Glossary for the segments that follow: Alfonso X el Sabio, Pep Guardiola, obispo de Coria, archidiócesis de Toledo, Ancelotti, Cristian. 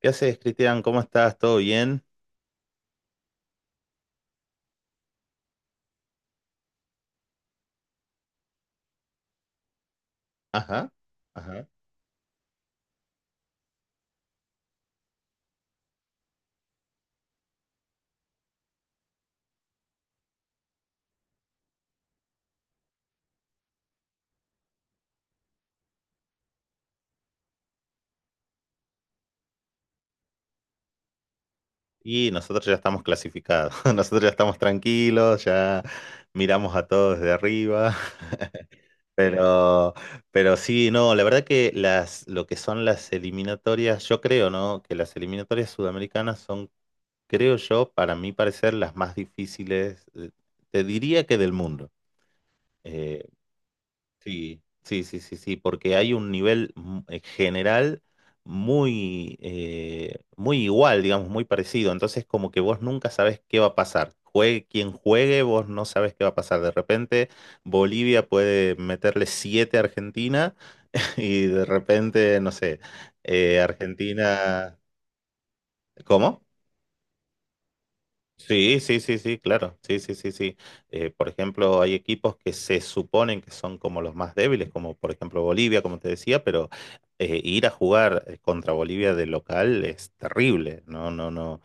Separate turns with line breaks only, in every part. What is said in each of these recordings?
¿Qué haces, Cristian? ¿Cómo estás? ¿Todo bien? Ajá, ajá. Y nosotros ya estamos clasificados, nosotros ya estamos tranquilos, ya miramos a todos desde arriba. pero, pero sí, no, la verdad que lo que son las eliminatorias, yo creo, ¿no? Que las eliminatorias sudamericanas son, creo yo, para mi parecer, las más difíciles, te diría que del mundo. Eh, Sí, sí, sí, sí, sí, porque hay un nivel general muy igual, digamos, muy parecido. Entonces, como que vos nunca sabés qué va a pasar. Juegue quien juegue, vos no sabés qué va a pasar. De repente, Bolivia puede meterle 7 a Argentina y de repente, no sé, Argentina. ¿Cómo? Sí, sí, sí, sí, claro. Sí, sí, sí, sí. Por ejemplo, hay equipos que se suponen que son como los más débiles, como por ejemplo Bolivia, como te decía, pero ir a jugar contra Bolivia de local es terrible. No, no, no,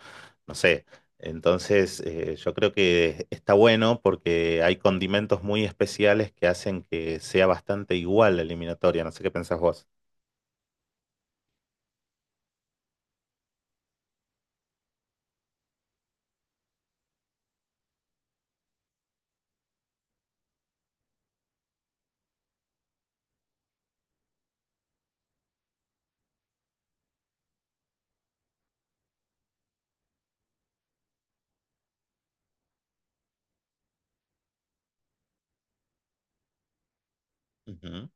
no sé. Entonces, yo creo que está bueno porque hay condimentos muy especiales que hacen que sea bastante igual la eliminatoria. No sé qué pensás vos. Ujú,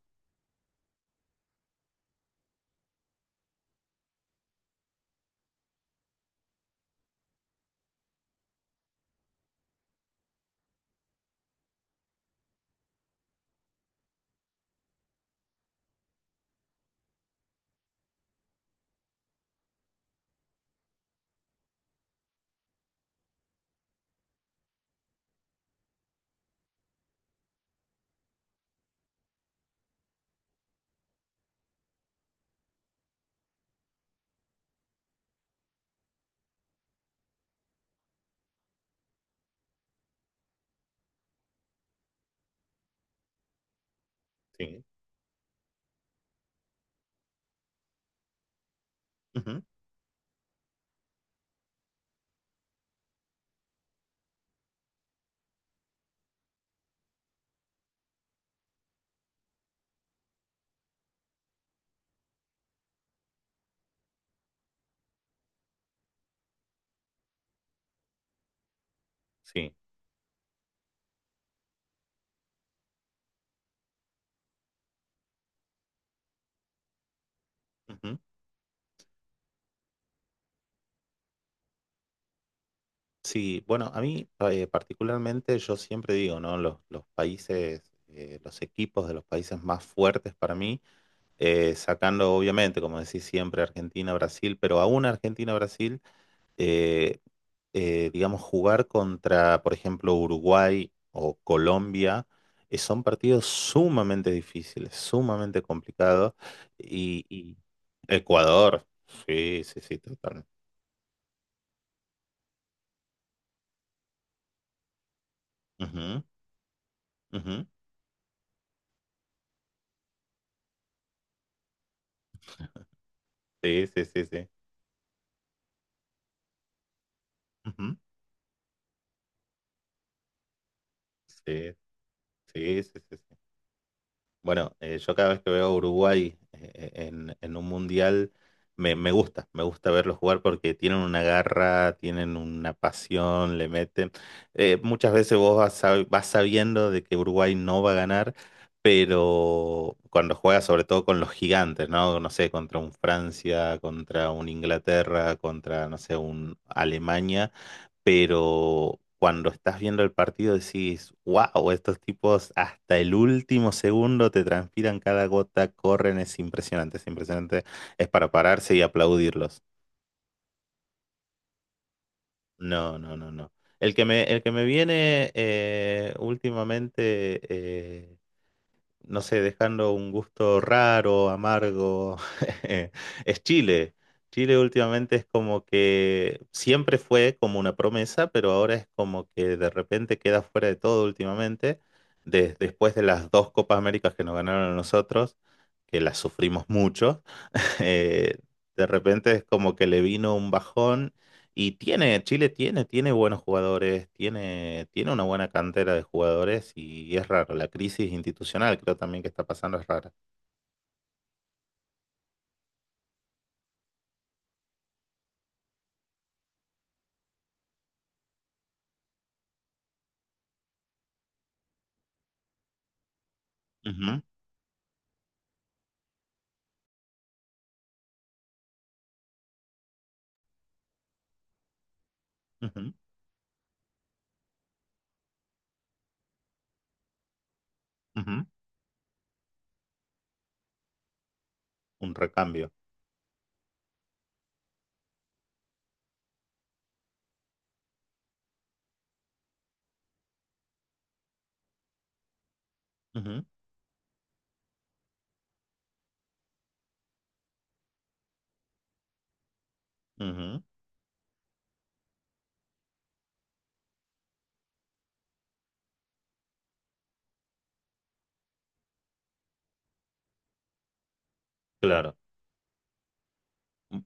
sí. Ujú, sí. Ujú. Sí, bueno, a mí particularmente yo siempre digo, ¿no? Los países, los equipos de los países más fuertes para mí, sacando obviamente, como decís siempre, Argentina, Brasil, pero aún Argentina, Brasil, eh, digamos, jugar contra, por ejemplo, Uruguay o Colombia, son partidos sumamente difíciles, sumamente complicados. Y Ecuador, sí, sí, sí, total. Ujú, ujú, sí, sí, sí, sí. Ujú. Sí, sí, sí, sí, sí. Bueno, yo cada vez que veo a Uruguay en un mundial, me gusta verlos jugar porque tienen una garra, tienen una pasión, le meten. Muchas veces vos vas, vas sabiendo de que Uruguay no va a ganar, pero cuando juega sobre todo con los gigantes, ¿no? No sé, contra un Francia, contra un Inglaterra, contra, no sé, un Alemania, pero cuando estás viendo el partido decís, wow, estos tipos hasta el último segundo te transpiran cada gota, corren, es impresionante, es impresionante, es para pararse y aplaudirlos. No, no, no, no. El que me viene últimamente, no sé, dejando un gusto raro, amargo. Es Chile. Chile últimamente es como que siempre fue como una promesa, pero ahora es como que de repente queda fuera de todo últimamente, después de las dos Copas Américas que nos ganaron a nosotros, que las sufrimos mucho. eh, de repente es como que le vino un bajón y Chile tiene, tiene, buenos jugadores, tiene una buena cantera de jugadores y es raro. La crisis institucional creo también que está pasando es rara. Ujú, ujú, ujú. Un recambio. Ujú, ujú. Claro, mm,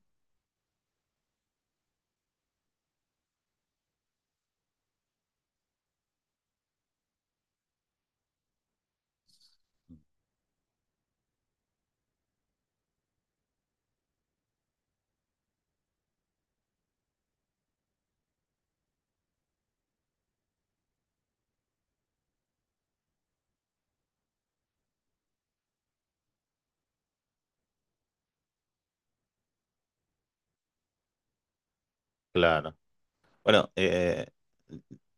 claro. Bueno,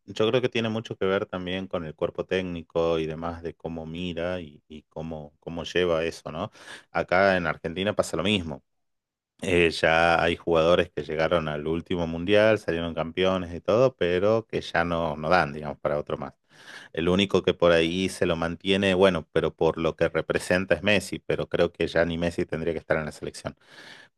yo creo que tiene mucho que ver también con el cuerpo técnico y demás de cómo mira y cómo lleva eso, ¿no? Acá en Argentina pasa lo mismo. Ya hay jugadores que llegaron al último mundial, salieron campeones y todo, pero que ya no dan, digamos, para otro más. El único que por ahí se lo mantiene, bueno, pero por lo que representa es Messi, pero creo que ya ni Messi tendría que estar en la selección,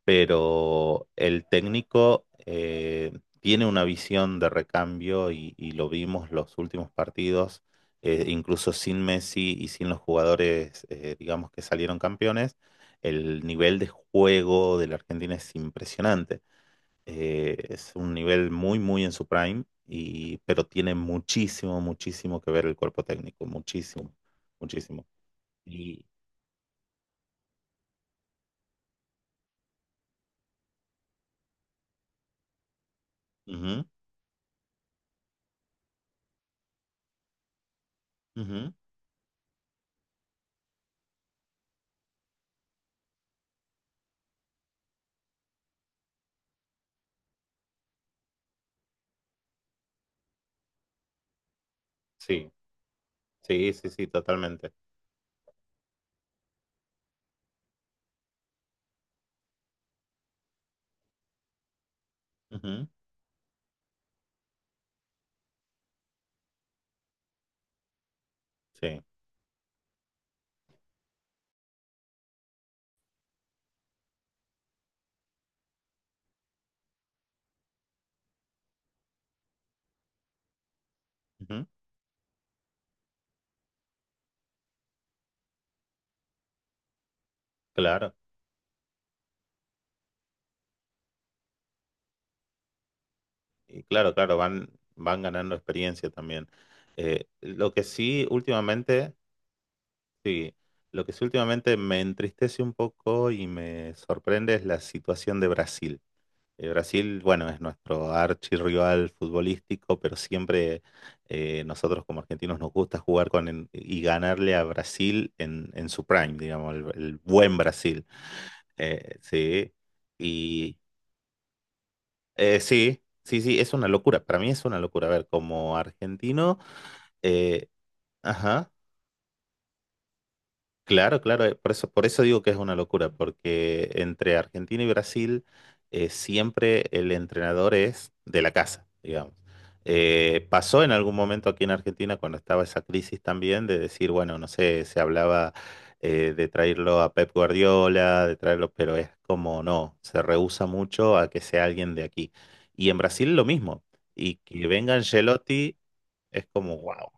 pero el técnico tiene una visión de recambio y lo vimos los últimos partidos. Incluso sin Messi y sin los jugadores, digamos, que salieron campeones, el nivel de juego de la Argentina es impresionante. Es un nivel muy, muy en su prime, pero tiene muchísimo, muchísimo que ver el cuerpo técnico, muchísimo, muchísimo. Y, Ujú, ujú, sí, sí, sí, sí, totalmente. Ujú. Sí, ujú, claro, y claro, claro, van ganando experiencia también. Lo que sí últimamente, sí, lo que sí últimamente me entristece un poco y me sorprende es la situación de Brasil. Brasil, bueno, es nuestro archirrival futbolístico, pero siempre nosotros como argentinos nos gusta jugar con en- y ganarle a Brasil en, su prime, digamos, el buen Brasil. Sí. Sí, sí, sí, es una locura. Para mí es una locura. A ver, como argentino, eh, ajá. Claro, claro, por eso digo que es una locura, porque entre Argentina y Brasil siempre el entrenador es de la casa, digamos. Pasó en algún momento aquí en Argentina cuando estaba esa crisis también de decir, bueno, no sé, se hablaba de traerlo a Pep Guardiola, de traerlo, pero es como no, se rehúsa mucho a que sea alguien de aquí. Y en Brasil lo mismo, y que venga Ancelotti es como, wow.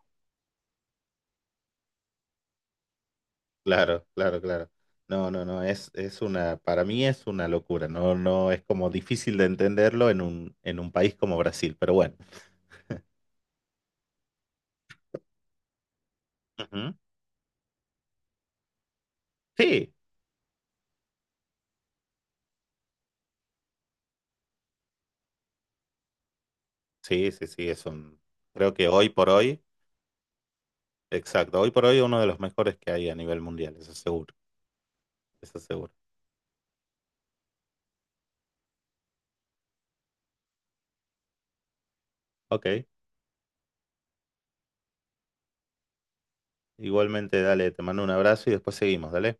Claro, claro, claro. No, no, no, es una, para mí es una locura, no, no, es como difícil de entenderlo en un, país como Brasil, pero bueno. Ujú. Sí, sí, sí, sí, creo que hoy por hoy, exacto, hoy por hoy uno de los mejores que hay a nivel mundial, eso seguro, eso seguro. Ok, igualmente, dale, te mando un abrazo y después seguimos, dale.